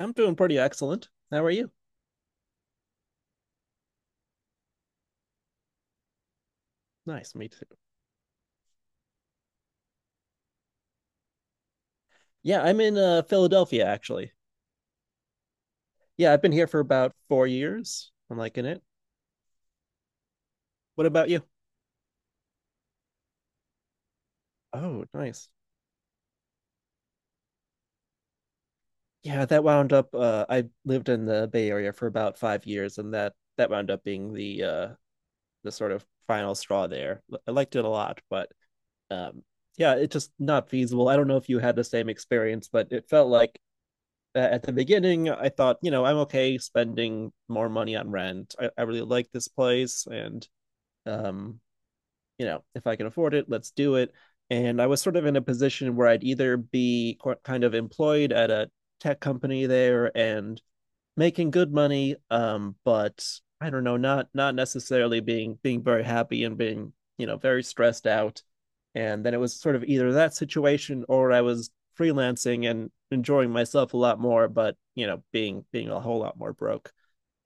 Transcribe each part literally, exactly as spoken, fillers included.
I'm doing pretty excellent. How are you? Nice, me too. Yeah, I'm in uh, Philadelphia actually. Yeah, I've been here for about four years. I'm liking it. What about you? Oh, nice. Yeah, that wound up. Uh, I lived in the Bay Area for about five years, and that that wound up being the uh, the sort of final straw there. L- I liked it a lot, but um, yeah, it's just not feasible. I don't know if you had the same experience, but it felt like uh, at the beginning, I thought, you know, I'm okay spending more money on rent. I, I really like this place, and um, you know, if I can afford it, let's do it. And I was sort of in a position where I'd either be kind of employed at a tech company there and making good money, um, but I don't know, not not necessarily being being very happy and being you know very stressed out. And then it was sort of either that situation or I was freelancing and enjoying myself a lot more, but you know being being a whole lot more broke.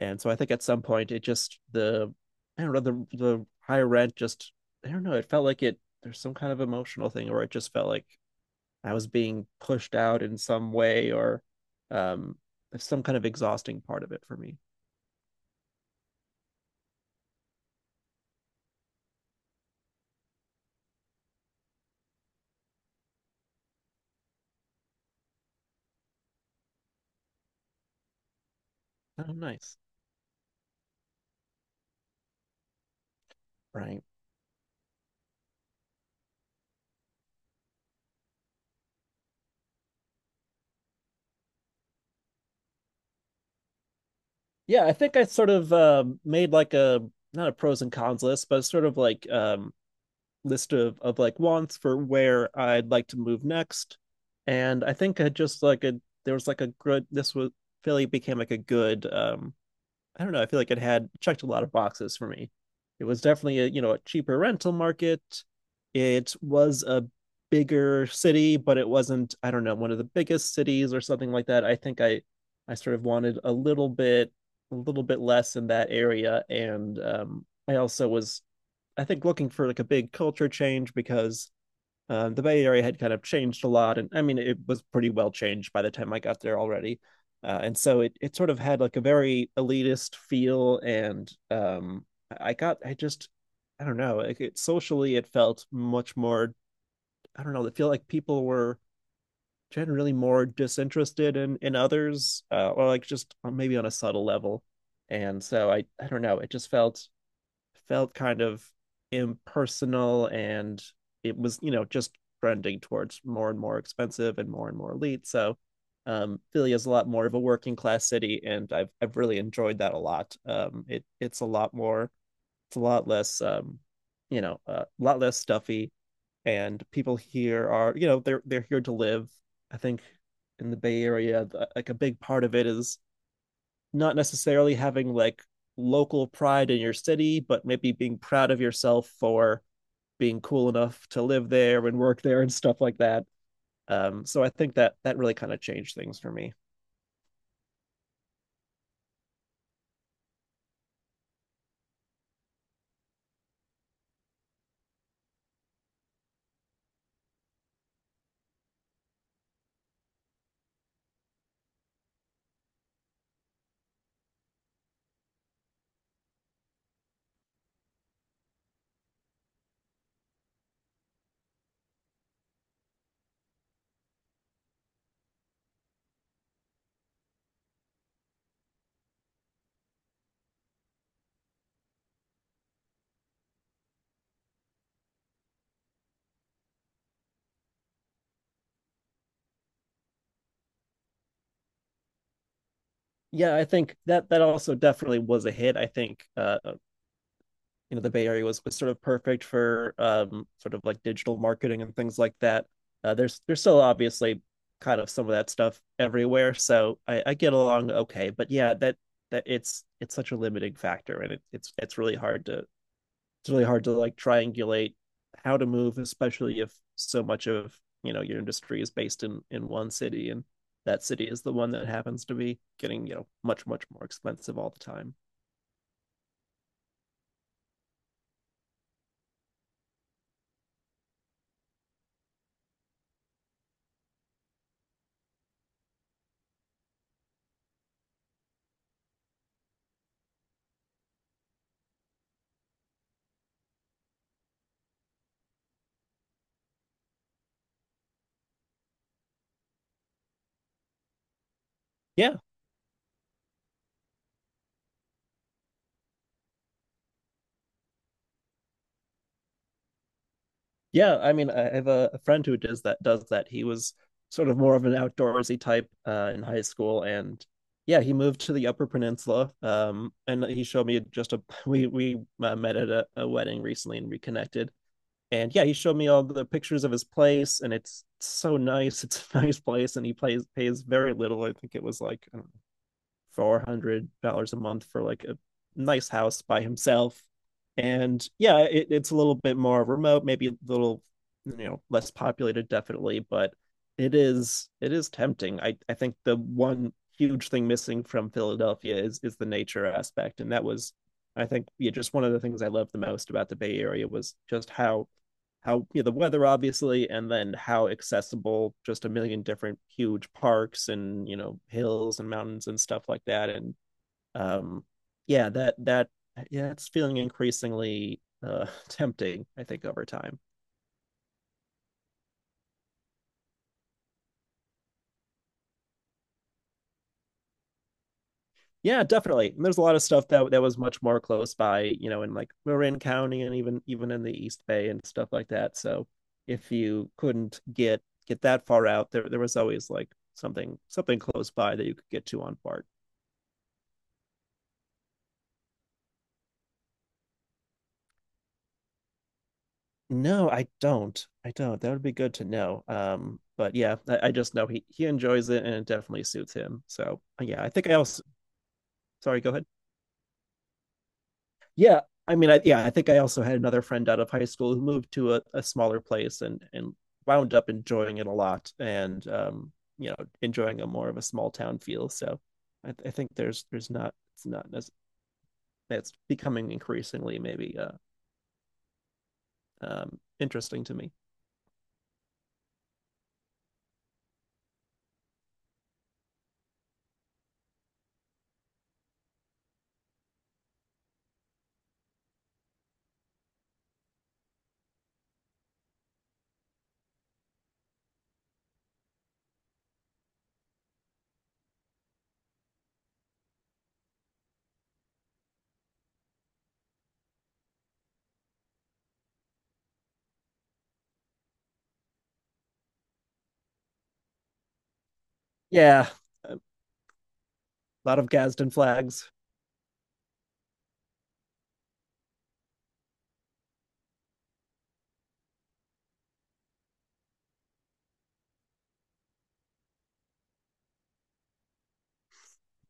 And so I think at some point it just the I don't know, the the higher rent just, I don't know, it felt like it there's some kind of emotional thing, or it just felt like I was being pushed out in some way, or um some kind of exhausting part of it for me. Oh, nice. Right. Yeah, I think I sort of um made like a, not a pros and cons list, but sort of like um list of of like wants for where I'd like to move next, and I think I just like a there was like a good this was Philly became like a good, um I don't know, I feel like it had checked a lot of boxes for me. It was definitely a, you know, a cheaper rental market. It was a bigger city, but it wasn't, I don't know, one of the biggest cities or something like that. I think I I sort of wanted a little bit a little bit less in that area, and um I also was, I think, looking for like a big culture change because uh, the Bay Area had kind of changed a lot, and I mean it was pretty well changed by the time I got there already, uh, and so it it sort of had like a very elitist feel, and um, I got I just, I don't know, like it socially it felt much more, I don't know, it feel like people were generally more disinterested in in others, uh, or like just, uh, maybe on a subtle level, and so I I don't know, it just felt felt kind of impersonal, and it was, you know, just trending towards more and more expensive and more and more elite. So um, Philly is a lot more of a working class city, and I've I've really enjoyed that a lot. Um, it it's a lot more, it's a lot less, um, you know, uh, a lot less stuffy, and people here are, you know, they're they're here to live. I think in the Bay Area, the, like a big part of it is not necessarily having like local pride in your city, but maybe being proud of yourself for being cool enough to live there and work there and stuff like that. Um, so I think that that really kind of changed things for me. Yeah, I think that that also definitely was a hit. I think, uh, you know, the Bay Area was was sort of perfect for um sort of like digital marketing and things like that. Uh, there's there's still obviously kind of some of that stuff everywhere, so I, I get along okay. But yeah, that that it's it's such a limiting factor, and it, it's it's really hard to, it's really hard to, like, triangulate how to move, especially if so much of, you know, your industry is based in in one city, and that city is the one that happens to be getting, you know, much much more expensive all the time. Yeah. Yeah, I mean, I have a, a friend who does that. Does that? He was sort of more of an outdoorsy type, uh, in high school, and yeah, he moved to the Upper Peninsula. Um, and he showed me just a, we we uh, met at a, a wedding recently and reconnected. And yeah, he showed me all the pictures of his place, and it's so nice. It's a nice place, and he plays pays very little. I think it was like, I don't, four hundred dollars a month for like a nice house by himself. And yeah, it, it's a little bit more remote, maybe a little, you know, less populated, definitely, but it is it is tempting. I I think the one huge thing missing from Philadelphia is is the nature aspect, and that was, I think, yeah, just one of the things I loved the most about the Bay Area was just how how you know, the weather obviously, and then how accessible just a million different huge parks, and, you know, hills and mountains and stuff like that, and um yeah, that that yeah, it's feeling increasingly uh tempting, I think, over time. Yeah, definitely, and there's a lot of stuff that that was much more close by, you know, in like Marin County, and even even in the East Bay and stuff like that. So if you couldn't get get that far out there, there was always like something something close by that you could get to on BART. No, I don't. I don't. That would be good to know. Um, but yeah, I, I just know he he enjoys it, and it definitely suits him. So yeah, I think I also. Sorry, go ahead. Yeah, I mean, I, yeah, I think I also had another friend out of high school who moved to a, a smaller place, and and wound up enjoying it a lot, and um, you know, enjoying a more of a small town feel. So I, I think there's there's not it's not as, that's becoming increasingly maybe uh um interesting to me. Yeah, a lot of Gadsden flags.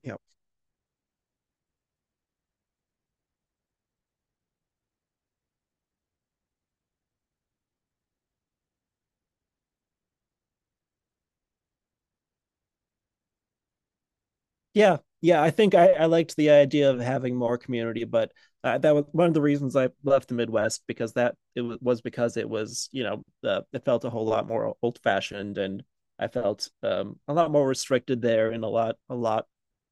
Yeah. Yeah, yeah, I think I, I liked the idea of having more community, but uh, that was one of the reasons I left the Midwest, because that it w was because it was, you know, uh, it felt a whole lot more old-fashioned, and I felt, um, a lot more restricted there, and a lot, a lot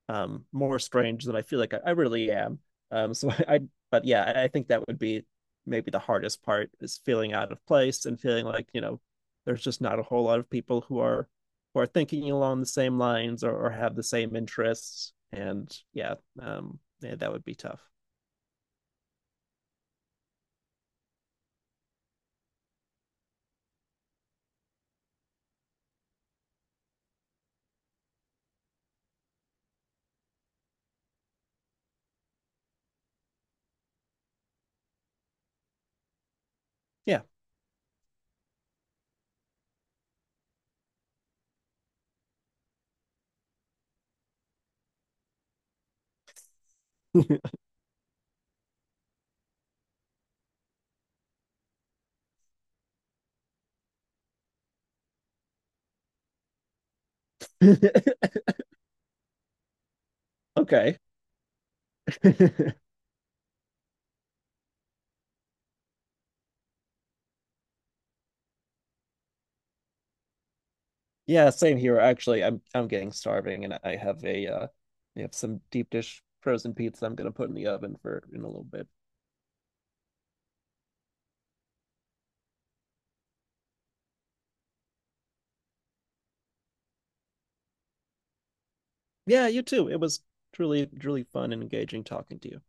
um, more strange than I feel like I, I really am. Um, so I, I, but yeah, I I think that would be maybe the hardest part is feeling out of place and feeling like, you know, there's just not a whole lot of people who are who are thinking along the same lines, or, or have the same interests. And yeah, um, yeah, that would be tough. Yeah. Okay. Yeah, same here. Actually, I'm I'm getting starving, and I have a, uh, I have some deep dish frozen pizza I'm gonna put in the oven for in a little bit. Yeah, you too. It was truly truly fun and engaging talking to you.